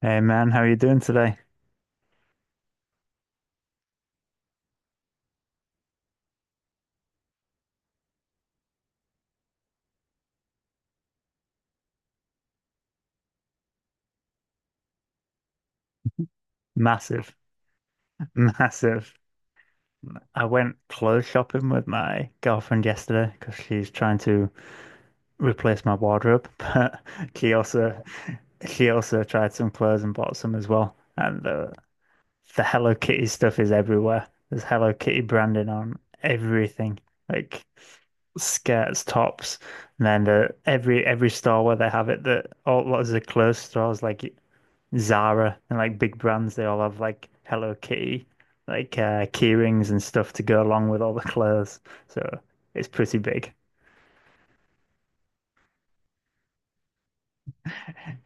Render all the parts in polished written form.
Hey man, how are you doing today? Massive, massive. I went clothes shopping with my girlfriend yesterday because she's trying to replace my wardrobe, but she also she also tried some clothes and bought some as well. And the Hello Kitty stuff is everywhere. There's Hello Kitty branding on everything. Like skirts, tops, and then the every store where they have it, the all lots of the clothes stores like Zara and like big brands, they all have like Hello Kitty, like key rings and stuff to go along with all the clothes. So it's pretty big.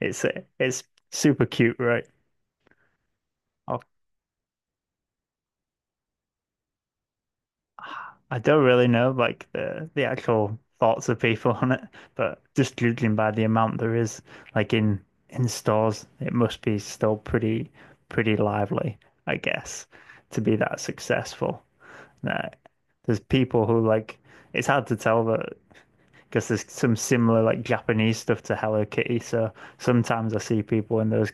It's it's super cute, right? I don't really know like the actual thoughts of people on it, but just judging by the amount there is like in stores, it must be still pretty lively, I guess, to be that successful. Nah, there's people who like it's hard to tell that because there's some similar like Japanese stuff to Hello Kitty, so sometimes I see people in those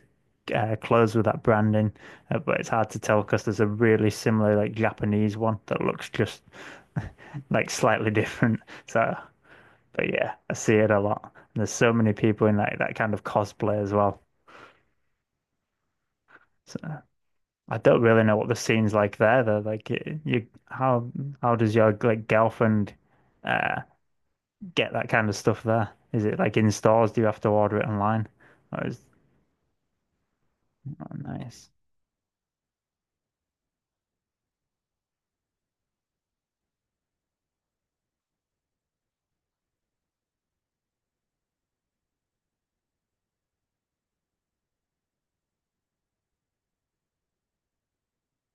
clothes with that branding, but it's hard to tell because there's a really similar like Japanese one that looks just like slightly different. So, but yeah, I see it a lot. And there's so many people in like that kind of cosplay as well. So I don't really know what the scene's like there though. Like you, how does your like girlfriend uh get that kind of stuff there? Is it like in stores? Do you have to order it online? Or is oh, nice,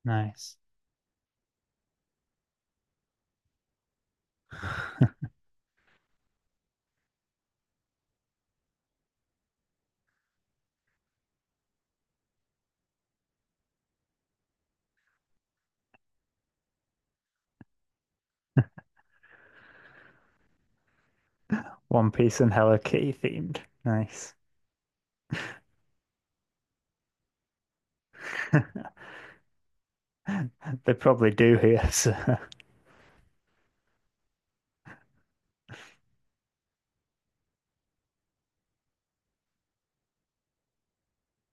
nice. One Piece and Hello Kitty themed. Nice. They probably do here. So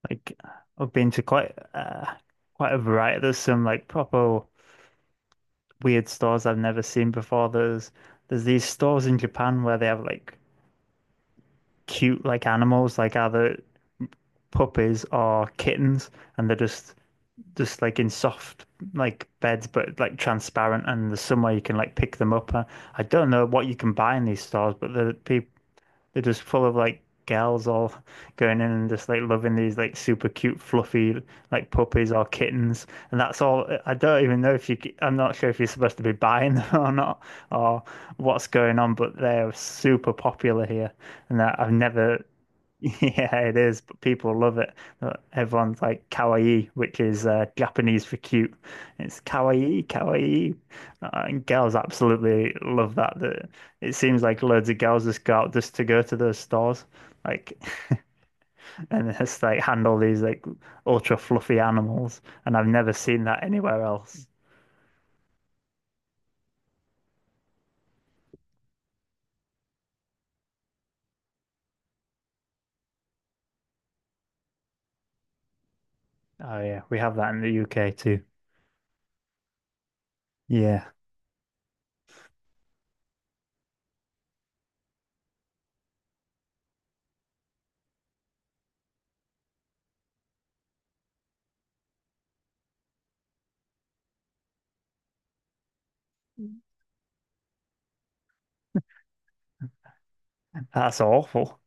like I've been to quite a variety. There's some like proper weird stores I've never seen before. There's these stores in Japan where they have like cute like animals, like either puppies or kittens, and they're just like in soft like beds, but like transparent, and there's somewhere you can like pick them up. I don't know what you can buy in these stores, but the people they're just full of like gals all going in and just like loving these like super cute, fluffy like puppies or kittens. And that's all. I don't even know if you, I I'm not sure if you're supposed to be buying them or not or what's going on, but they're super popular here. And I've never yeah, it is, but people love it. Everyone's like kawaii, which is Japanese for cute. It's kawaii, kawaii. And girls absolutely love that. That it seems like loads of girls just go out just to go to those stores, like, and just like handle these like ultra fluffy animals. And I've never seen that anywhere else. Oh yeah, we have that in the UK too. Yeah, that's awful.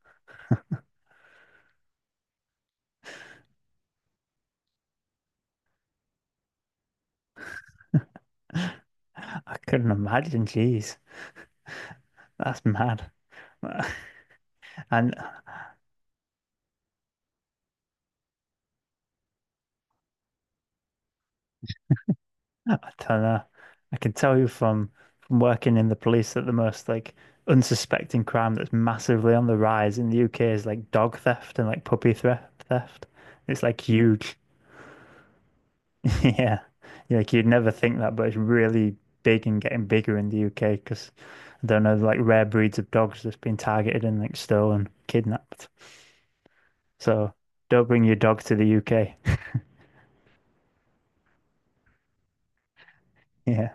I couldn't imagine. Jeez, that's mad. And I don't know. I can tell you from working in the police that the most like unsuspecting crime that's massively on the rise in the UK is like dog theft and like puppy theft. Theft. It's like huge. Yeah. Yeah, like you'd never think that, but it's really big and getting bigger in the UK because I don't know, like rare breeds of dogs that's been targeted and like stolen, kidnapped. So don't bring your dog to the UK. Yeah.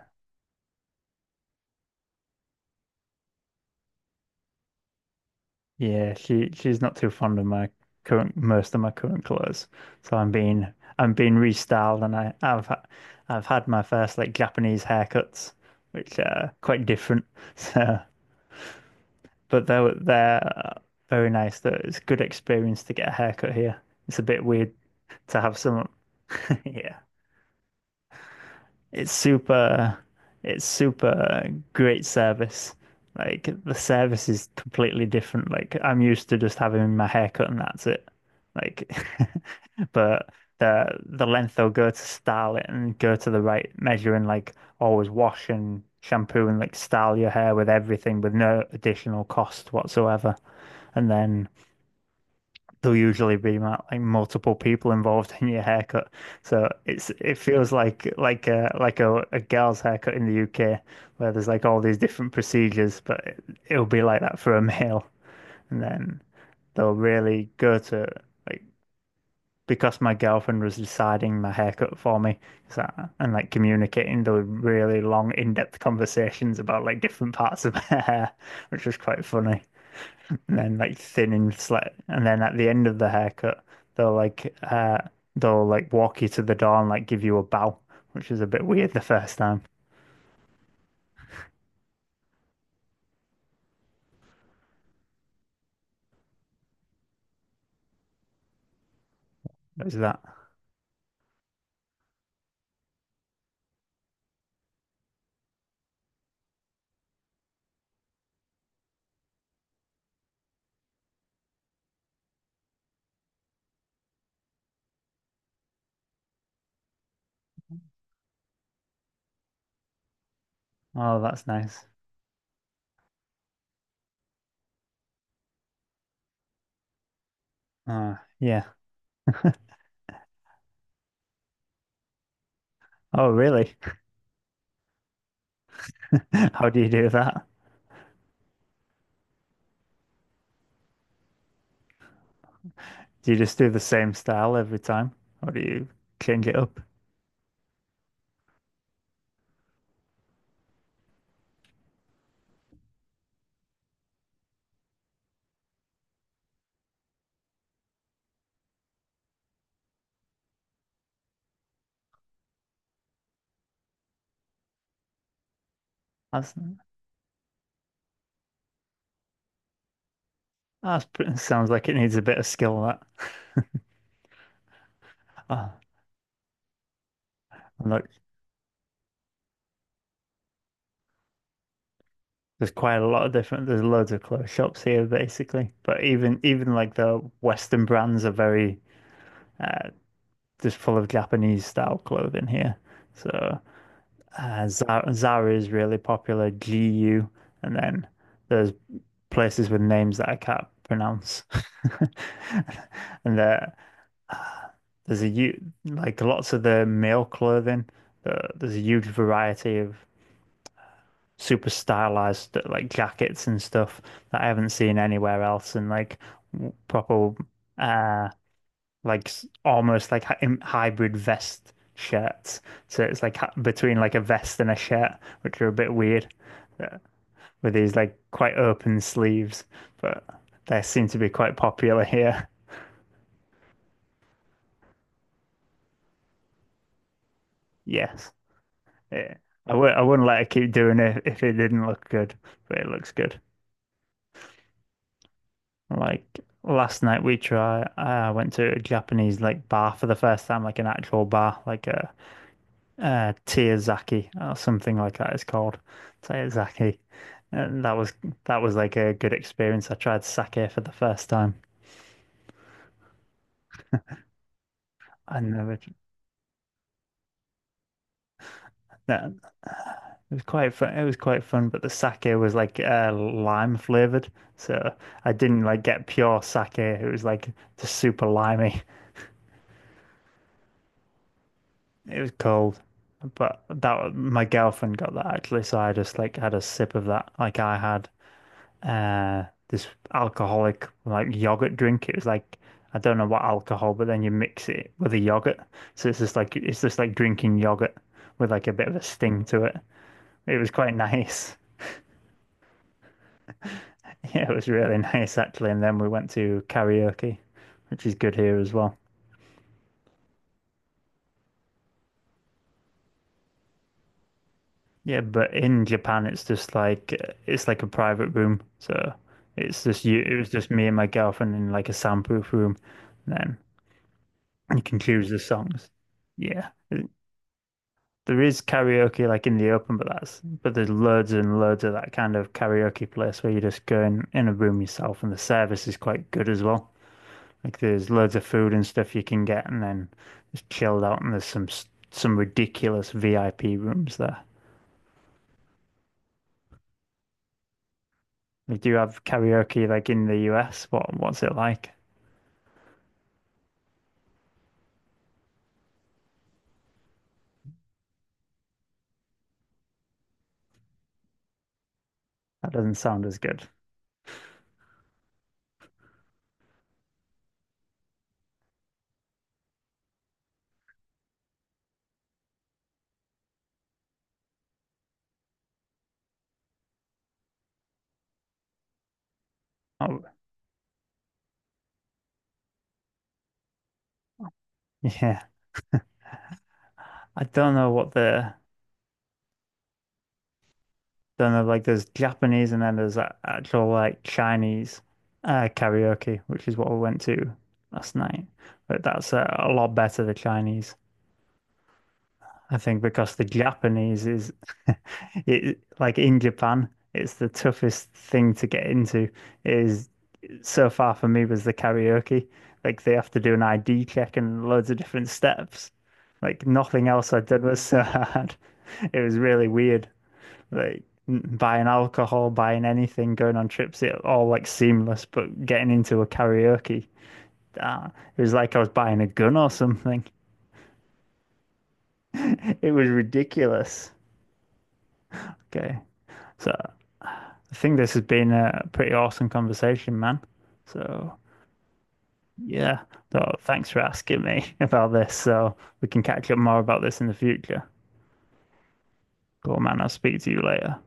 Yeah, she's not too fond of my current most of my current clothes. So I'm being restyled and I've had my first like Japanese haircuts, which are quite different. So, but they're very nice. Though it's a good experience to get a haircut here. It's a bit weird to have someone. Yeah. It's super, it's super great service. Like the service is completely different. Like I'm used to just having my hair cut and that's it. Like, but the length they'll go to style it and go to the right measure and like always wash and shampoo and like style your hair with everything with no additional cost whatsoever. And then there'll usually be like multiple people involved in your haircut. So it feels like like a girl's haircut in the UK where there's like all these different procedures, but it'll be like that for a male. And then they'll really go to like because my girlfriend was deciding my haircut for me, so, and like communicating the really long in-depth conversations about like different parts of her hair, which was quite funny and then like thin and slit. And then at the end of the haircut, they'll like uh they'll like walk you to the door and like give you a bow, which is a bit weird the first time. It was that. Oh, that's nice. Uh, yeah. Oh, really? How do you do that? Do you just do the same style every time, or do you change it up? That's that's pretty, sounds like it needs a bit of skill. That. Oh, and look, there's quite a lot of different. There's loads of clothes shops here, basically. But even like the Western brands are very uh, just full of Japanese style clothing here. So Zara is really popular, GU, and then there's places with names that I can't pronounce. And there, uh, there's a like lots of the male clothing. There's a huge variety of super stylized like jackets and stuff that I haven't seen anywhere else, and like proper uh like almost like hybrid vest shirts. So it's like between like a vest and a shirt, which are a bit weird, uh, with these like quite open sleeves, but they seem to be quite popular here. Yes. Yeah. I wouldn't let it keep doing it if it didn't look good, but it looks good. Like last night we tried, I went to a Japanese like bar for the first time, like an actual bar, like a Tearzaki or something like that it's called Tearzaki, and that was like a good experience. I tried sake for the first time, and there was- that it was quite fun. It was quite fun, but the sake was like lime flavored. So I didn't like get pure sake. It was like just super limey. It was cold, but that my girlfriend got that actually. So I just like had a sip of that. Like I had uh this alcoholic like yogurt drink. It was like I don't know what alcohol, but then you mix it with a yogurt. So it's just like drinking yogurt with like a bit of a sting to it. It was quite nice. Yeah, it was really nice actually. And then we went to karaoke, which is good here as well. Yeah, but in Japan it's just like it's like a private room. So it's just you. It was just me and my girlfriend in like a soundproof room. And then you can choose the songs. Yeah. There is karaoke like in the open, but that's but there's loads and loads of that kind of karaoke place where you just go in a room yourself, and the service is quite good as well. Like there's loads of food and stuff you can get, and then just chilled out. And there's some ridiculous VIP rooms there. Like, do you have karaoke like in the US? What what's it like? That doesn't sound as good. Oh, yeah, I don't know what the then there's like there's Japanese and then there's actual like Chinese karaoke, which is what we went to last night. But that's a lot better, the Chinese, I think, because the Japanese is it like in Japan, it's the toughest thing to get into is so far for me was the karaoke. Like they have to do an ID check and loads of different steps. Like nothing else I did was so hard. It was really weird like buying alcohol, buying anything, going on trips, it all like seamless, but getting into a karaoke, ah, it was like I was buying a gun or something. It was ridiculous. Okay. So I think this has been a pretty awesome conversation, man. So yeah. So thanks for asking me about this. So we can catch up more about this in the future. Cool, man. I'll speak to you later.